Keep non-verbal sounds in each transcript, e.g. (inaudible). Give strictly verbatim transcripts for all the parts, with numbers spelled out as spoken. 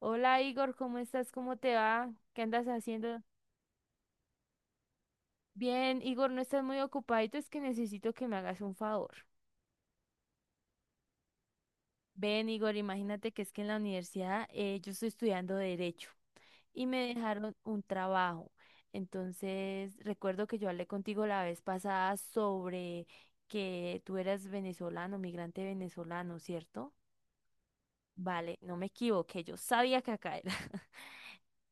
Hola, Igor, ¿cómo estás? ¿Cómo te va? ¿Qué andas haciendo? Bien, Igor, no estás muy ocupadito, es que necesito que me hagas un favor. Ven, Igor, imagínate que es que en la universidad eh, yo estoy estudiando derecho y me dejaron un trabajo. Entonces, recuerdo que yo hablé contigo la vez pasada sobre que tú eras venezolano, migrante venezolano, ¿cierto? Vale, no me equivoqué, yo sabía que acá era. (laughs)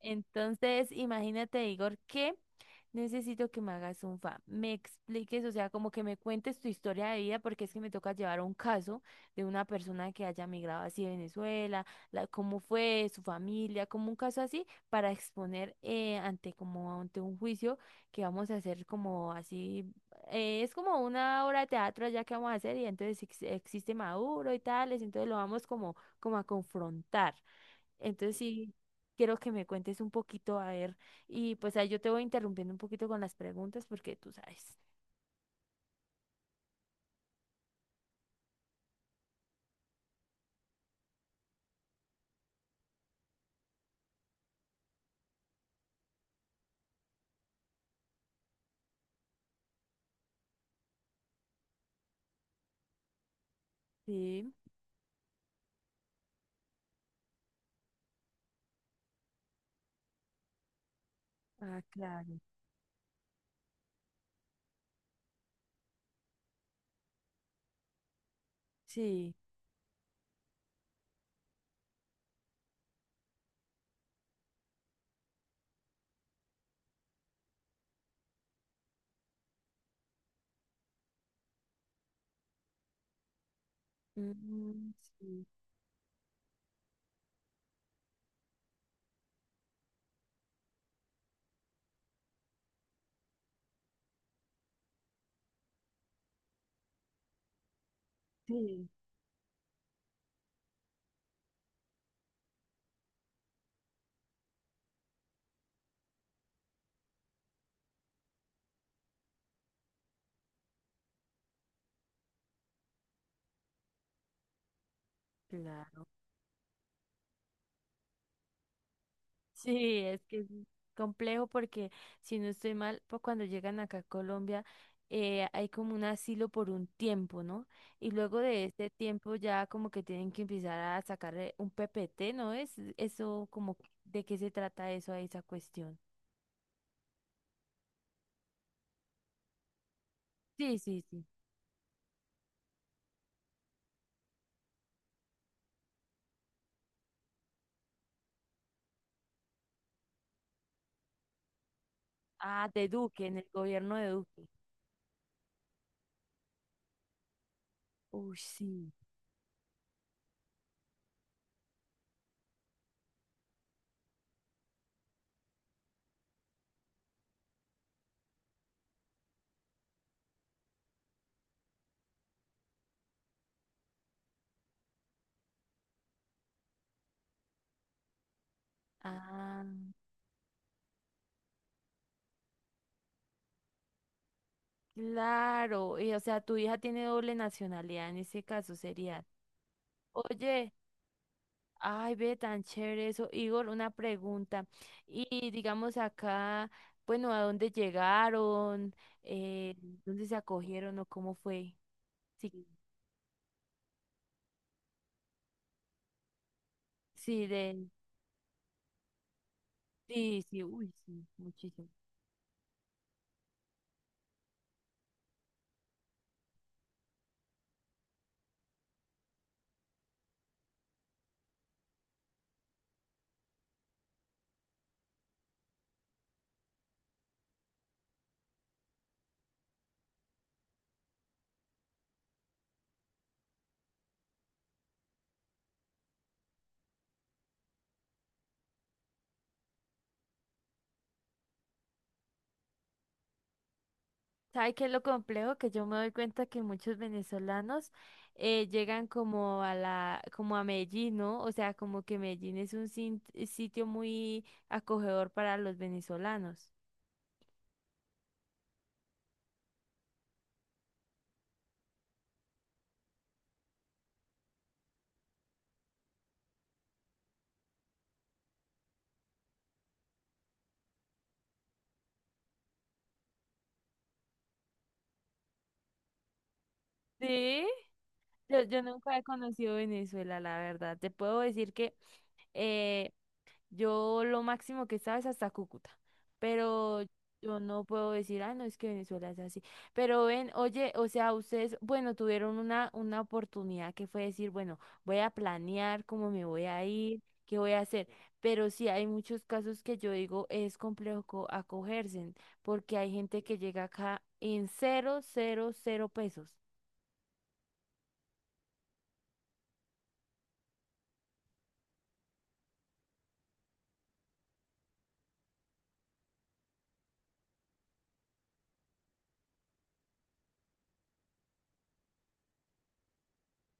Entonces, imagínate, Igor, que necesito que me hagas un fa, me expliques, o sea, como que me cuentes tu historia de vida, porque es que me toca llevar un caso de una persona que haya migrado así de Venezuela, la, cómo fue su familia, como un caso así, para exponer eh, ante como ante un juicio que vamos a hacer como así, eh, es como una obra de teatro ya que vamos a hacer y entonces ex- existe Maduro y tales, entonces lo vamos como, como a confrontar. Entonces sí, quiero que me cuentes un poquito, a ver, y pues ahí yo te voy interrumpiendo un poquito con las preguntas porque tú sabes. Sí, ah, claro. Sí. Mm, sí, sí, claro. Sí, es que es complejo porque si no estoy mal, pues cuando llegan acá a Colombia eh, hay como un asilo por un tiempo, ¿no? Y luego de este tiempo ya como que tienen que empezar a sacarle un P P T, ¿no es? Eso como, que- ¿de qué se trata eso a esa cuestión? Sí, sí, sí. Ah, de Duque, en el gobierno de Duque. Uy, sí. Ah, claro. Y, o sea, tu hija tiene doble nacionalidad en ese caso sería. Oye, ay, ve tan chévere eso. Igor, una pregunta. Y digamos acá, bueno, ¿a dónde llegaron? Eh, ¿dónde se acogieron o cómo fue? Sí, sí, de, sí, sí, uy, sí, muchísimo. ¿Sabe qué es lo complejo? Que yo me doy cuenta que muchos venezolanos eh, llegan como a la, como a Medellín, ¿no? O sea, como que Medellín es un sin- sitio muy acogedor para los venezolanos. Sí. Yo, yo nunca he conocido Venezuela, la verdad. Te puedo decir que eh, yo lo máximo que estaba es hasta Cúcuta, pero yo no puedo decir, ah, no, es que Venezuela es así. Pero ven, oye, o sea, ustedes, bueno, tuvieron una, una oportunidad que fue decir, bueno, voy a planear cómo me voy a ir, qué voy a hacer. Pero sí hay muchos casos que yo digo es complejo co- acogerse, porque hay gente que llega acá en cero, cero, cero pesos.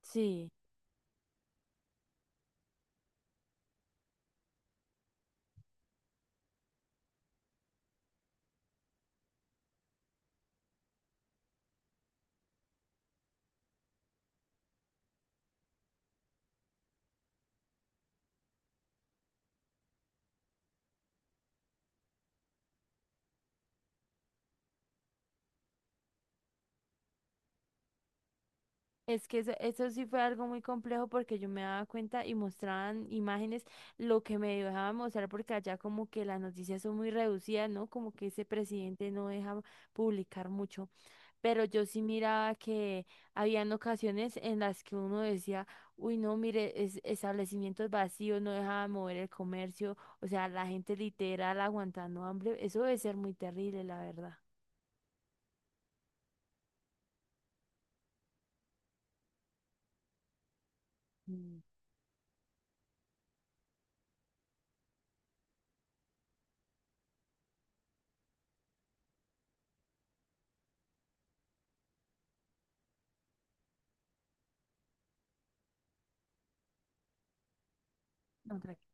Sí. Es que eso, eso sí fue algo muy complejo porque yo me daba cuenta y mostraban imágenes lo que me dejaban mostrar porque allá como que las noticias son muy reducidas, ¿no? Como que ese presidente no deja publicar mucho. Pero yo sí miraba que habían ocasiones en las que uno decía, uy, no, mire, es, establecimientos vacíos, no dejaban mover el comercio, o sea, la gente literal aguantando hambre. Eso debe ser muy terrible, la verdad. Mm, no, tranqui-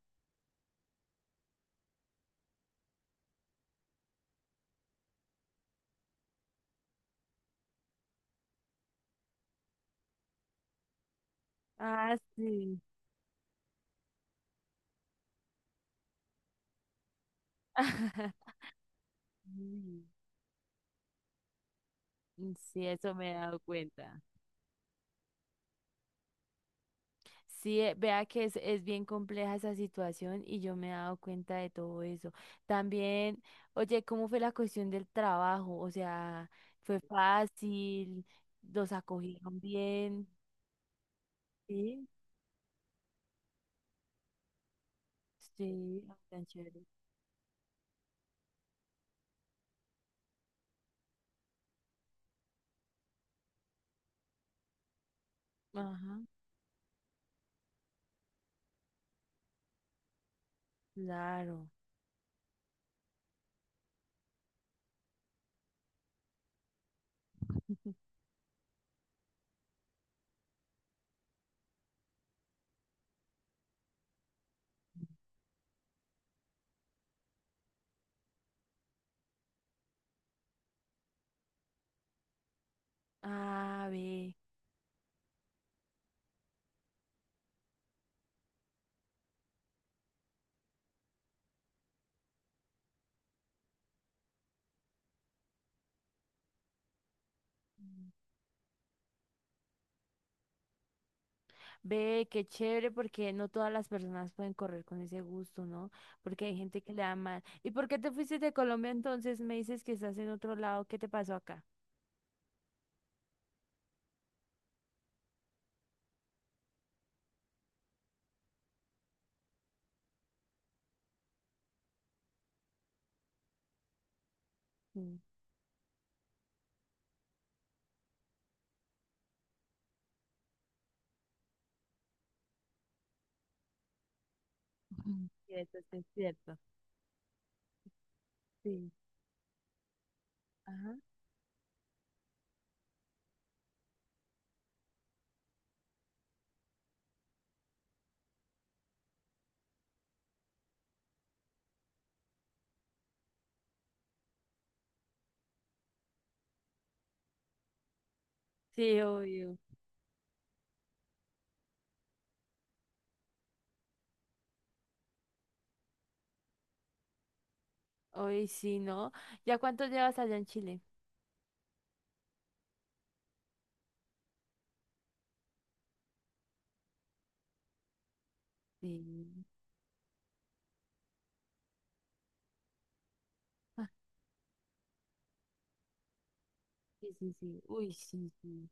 Ah, sí. (laughs) Mm. Mm, sí, eso me he dado cuenta. Sí, eh, vea que es, es bien compleja esa situación y yo me he dado cuenta de todo eso. También, oye, ¿cómo fue la cuestión del trabajo? O sea, ¿fue fácil? ¿Los acogieron bien? Sí, sí, tan chévere. Ajá, claro. Ah, ve. Ve, qué chévere, porque no todas las personas pueden correr con ese gusto, ¿no? Porque hay gente que le da mal. ¿Y por qué te fuiste de Colombia entonces? Me dices que estás en otro lado. ¿Qué te pasó acá? Sí, ujú, sí, eso sí es cierto. Sí. Ajá. Sí, obvio. Hoy sí, ¿no? ¿Ya cuánto llevas allá en Chile? Sí. Ah, sí, sí, sí. Uy, sí, sí.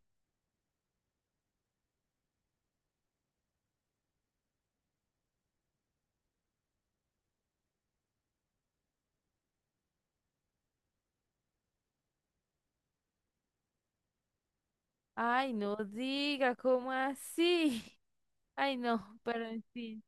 Ay, no diga, ¿cómo así? (laughs) Ay, no, pero en fin.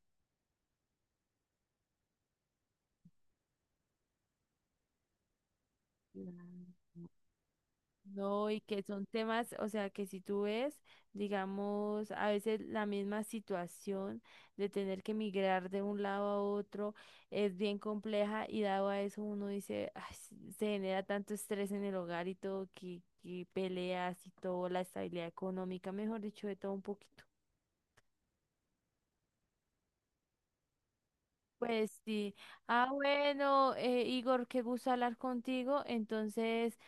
No, y que son temas, o sea, que si tú ves, digamos, a veces la misma situación de tener que migrar de un lado a otro es bien compleja y dado a eso uno dice, "Ay, s- se genera tanto estrés en el hogar y todo, que, que peleas y todo, la estabilidad económica, mejor dicho, de todo un poquito. Pues sí. Ah, bueno, eh, Igor, qué gusto hablar contigo. Entonces,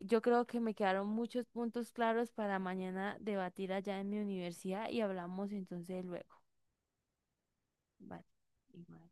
yo creo que me quedaron muchos puntos claros para mañana debatir allá en mi universidad y hablamos entonces luego. Vale. Igual.